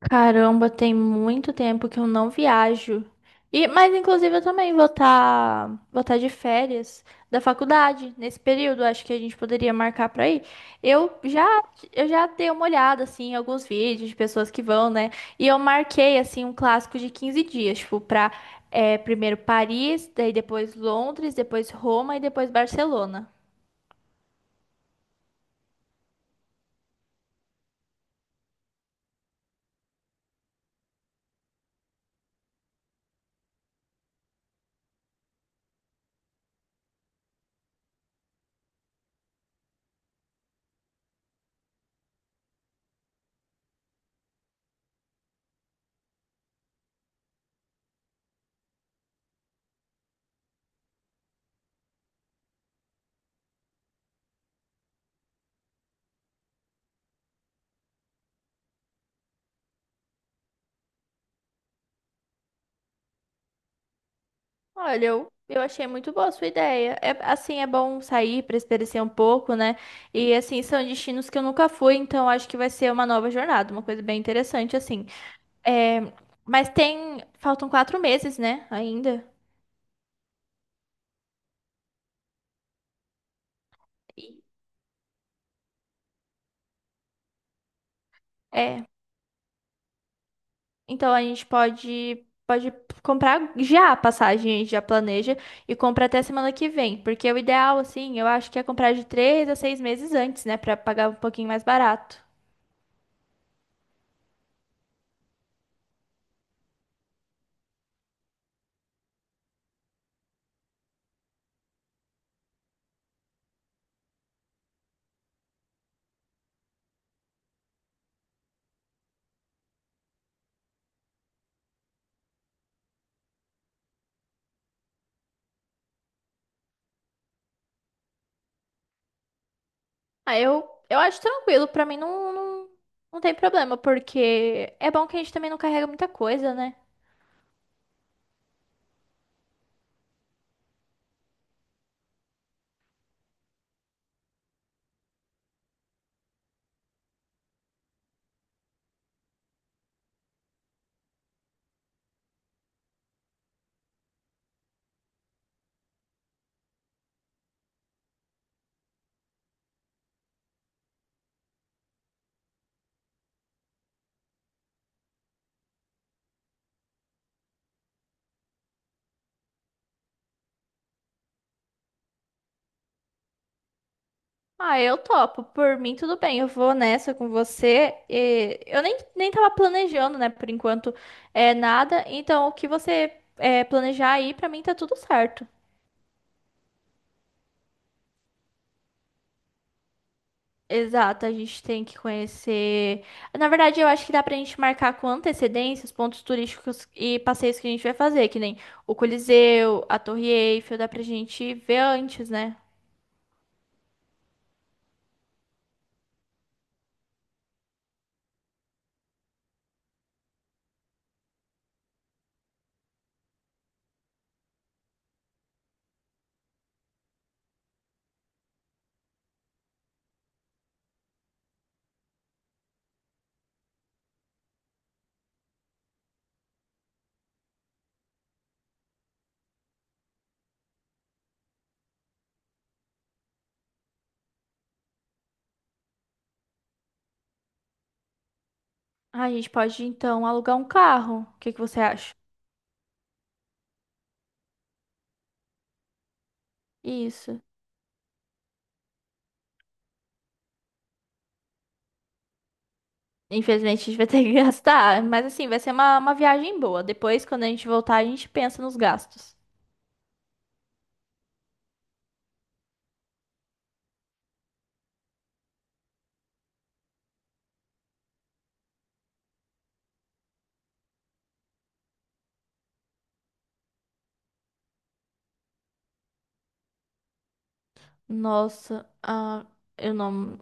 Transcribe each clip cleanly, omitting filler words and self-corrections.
Caramba, tem muito tempo que eu não viajo. E, mas inclusive eu também vou tá de férias da faculdade nesse período. Acho que a gente poderia marcar para ir. Eu já eu já dei uma olhada assim em alguns vídeos de pessoas que vão, né? E eu marquei assim um clássico de 15 dias, tipo, para primeiro Paris, daí depois Londres, depois Roma e depois Barcelona. Olha, eu achei muito boa a sua ideia. É, assim, é bom sair para espairecer um pouco, né? E assim, são destinos que eu nunca fui, então acho que vai ser uma nova jornada, uma coisa bem interessante, assim. É, mas tem, faltam 4 meses, né? Ainda. E- É, então a gente pode comprar já a passagem, a gente já planeja e compra até semana que vem, porque o ideal, assim, eu acho que é comprar de 3 a 6 meses antes, né? Para pagar um pouquinho mais barato. Ah, eu acho tranquilo, pra mim não, não, não tem problema, porque é bom que a gente também não carrega muita coisa, né? Ah, eu topo, por mim tudo bem, eu vou nessa com você. E eu nem tava planejando, né, por enquanto é nada, então o que você planejar aí, pra mim tá tudo certo. Exato, a gente tem que conhecer. Na verdade, eu acho que dá pra gente marcar com antecedência os pontos turísticos e passeios que a gente vai fazer, que nem o Coliseu, a Torre Eiffel, dá pra gente ver antes, né? Ah, a gente pode então alugar um carro. O que que você acha? Isso. Infelizmente a gente vai ter que gastar, mas assim, vai ser uma viagem boa. Depois, quando a gente voltar, a gente pensa nos gastos. Nossa, ah, eu não.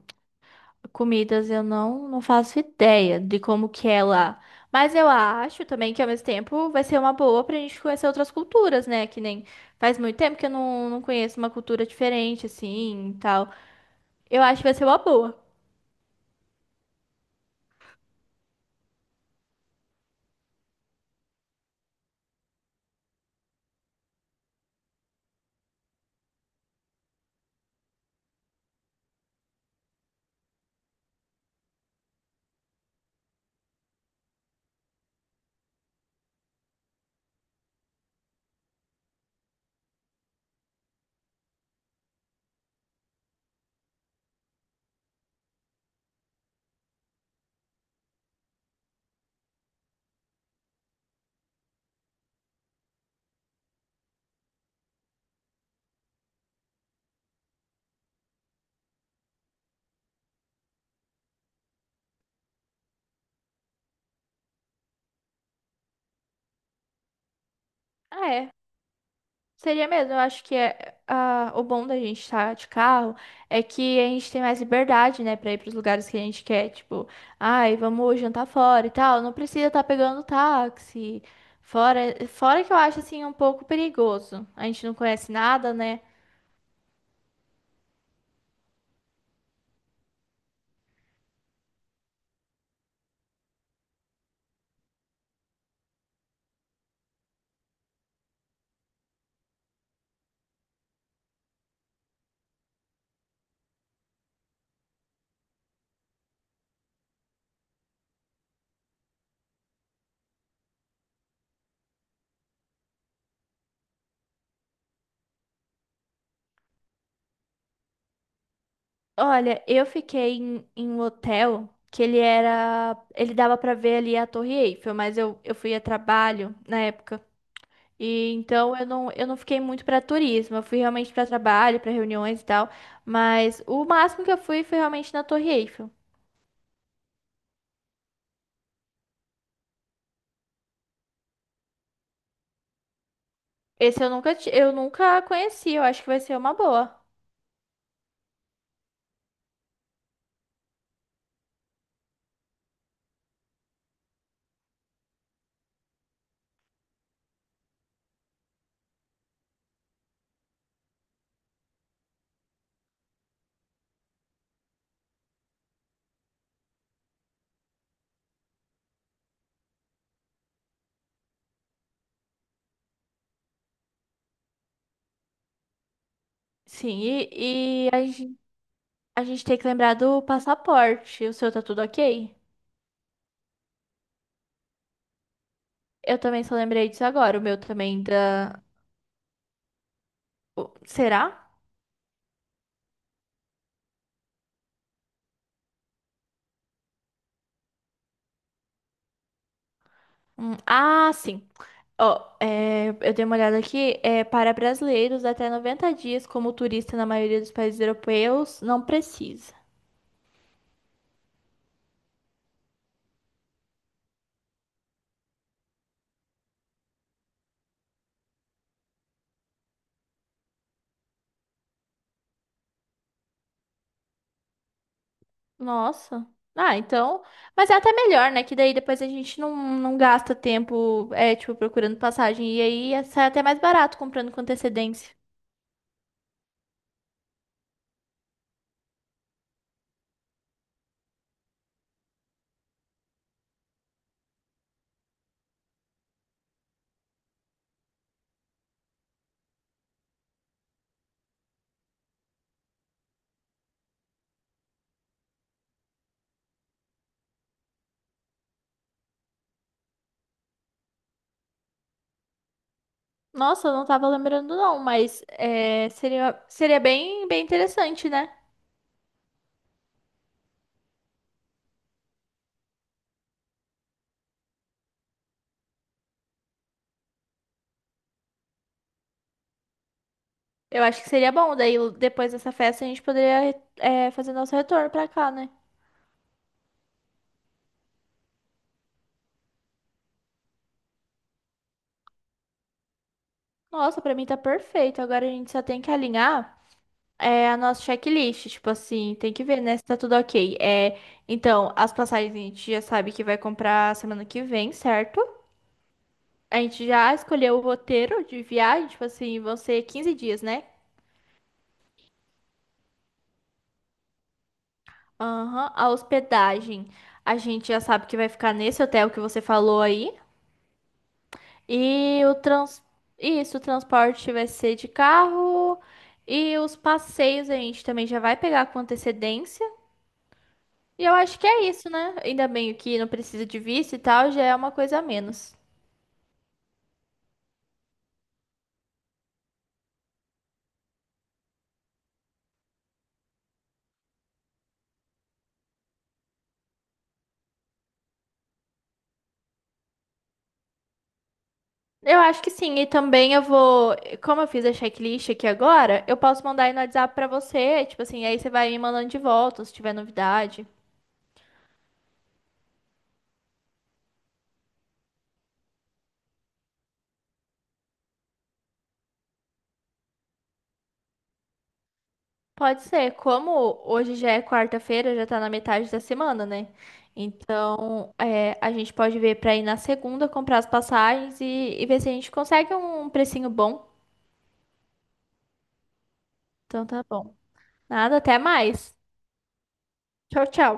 Comidas eu não faço ideia de como que é lá. Mas eu acho também que ao mesmo tempo vai ser uma boa pra gente conhecer outras culturas, né? Que nem faz muito tempo que eu não conheço uma cultura diferente, assim, e tal. Eu acho que vai ser uma boa. Ah, é. Seria mesmo, eu acho que o bom da gente estar de carro é que a gente tem mais liberdade, né, pra ir pros lugares que a gente quer, tipo, ai, vamos jantar fora e tal, não precisa estar pegando táxi. Fora, fora que eu acho assim um pouco perigoso. A gente não conhece nada, né? Olha, eu fiquei em um hotel que ele dava pra ver ali a Torre Eiffel, mas eu fui a trabalho na época. E então eu não fiquei muito para turismo, eu fui realmente para trabalho, para reuniões e tal, mas o máximo que eu fui foi realmente na Torre Eiffel. Esse eu nunca conheci, eu acho que vai ser uma boa. Sim, e a gente tem que lembrar do passaporte. O seu tá tudo ok? Eu também só lembrei disso agora, o meu também da. Será? Ah, sim. Ó, é, eu dei uma olhada aqui. É, para brasileiros, até 90 dias como turista na maioria dos países europeus, não precisa. Nossa. Ah, então. Mas é até melhor, né? Que daí depois a gente não gasta tempo, é, tipo, procurando passagem. E aí sai até mais barato comprando com antecedência. Nossa, eu não tava lembrando, não, mas é, seria bem, bem interessante, né? Eu acho que seria bom. Daí depois dessa festa a gente poderia fazer nosso retorno pra cá, né? Nossa, pra mim tá perfeito. Agora a gente só tem que alinhar. É a nossa checklist, tipo assim, tem que ver, né, se tá tudo ok. É, então, as passagens a gente já sabe que vai comprar semana que vem, certo? A gente já escolheu o roteiro de viagem, tipo assim, vão ser 15 dias, né? Aham, a hospedagem, a gente já sabe que vai ficar nesse hotel que você falou aí. E o trans... Isso, o transporte vai ser de carro. E os passeios a gente também já vai pegar com antecedência. E eu acho que é isso, né? Ainda bem que não precisa de visto e tal, já é uma coisa a menos. Eu acho que sim, e também como eu fiz a checklist aqui agora, eu posso mandar aí no WhatsApp pra você, tipo assim, aí você vai me mandando de volta se tiver novidade. Pode ser, como hoje já é quarta-feira, já tá na metade da semana, né? Então, a gente pode ver pra ir na segunda, comprar as passagens e ver se a gente consegue um precinho bom. Então tá bom. Nada, até mais. Tchau, tchau.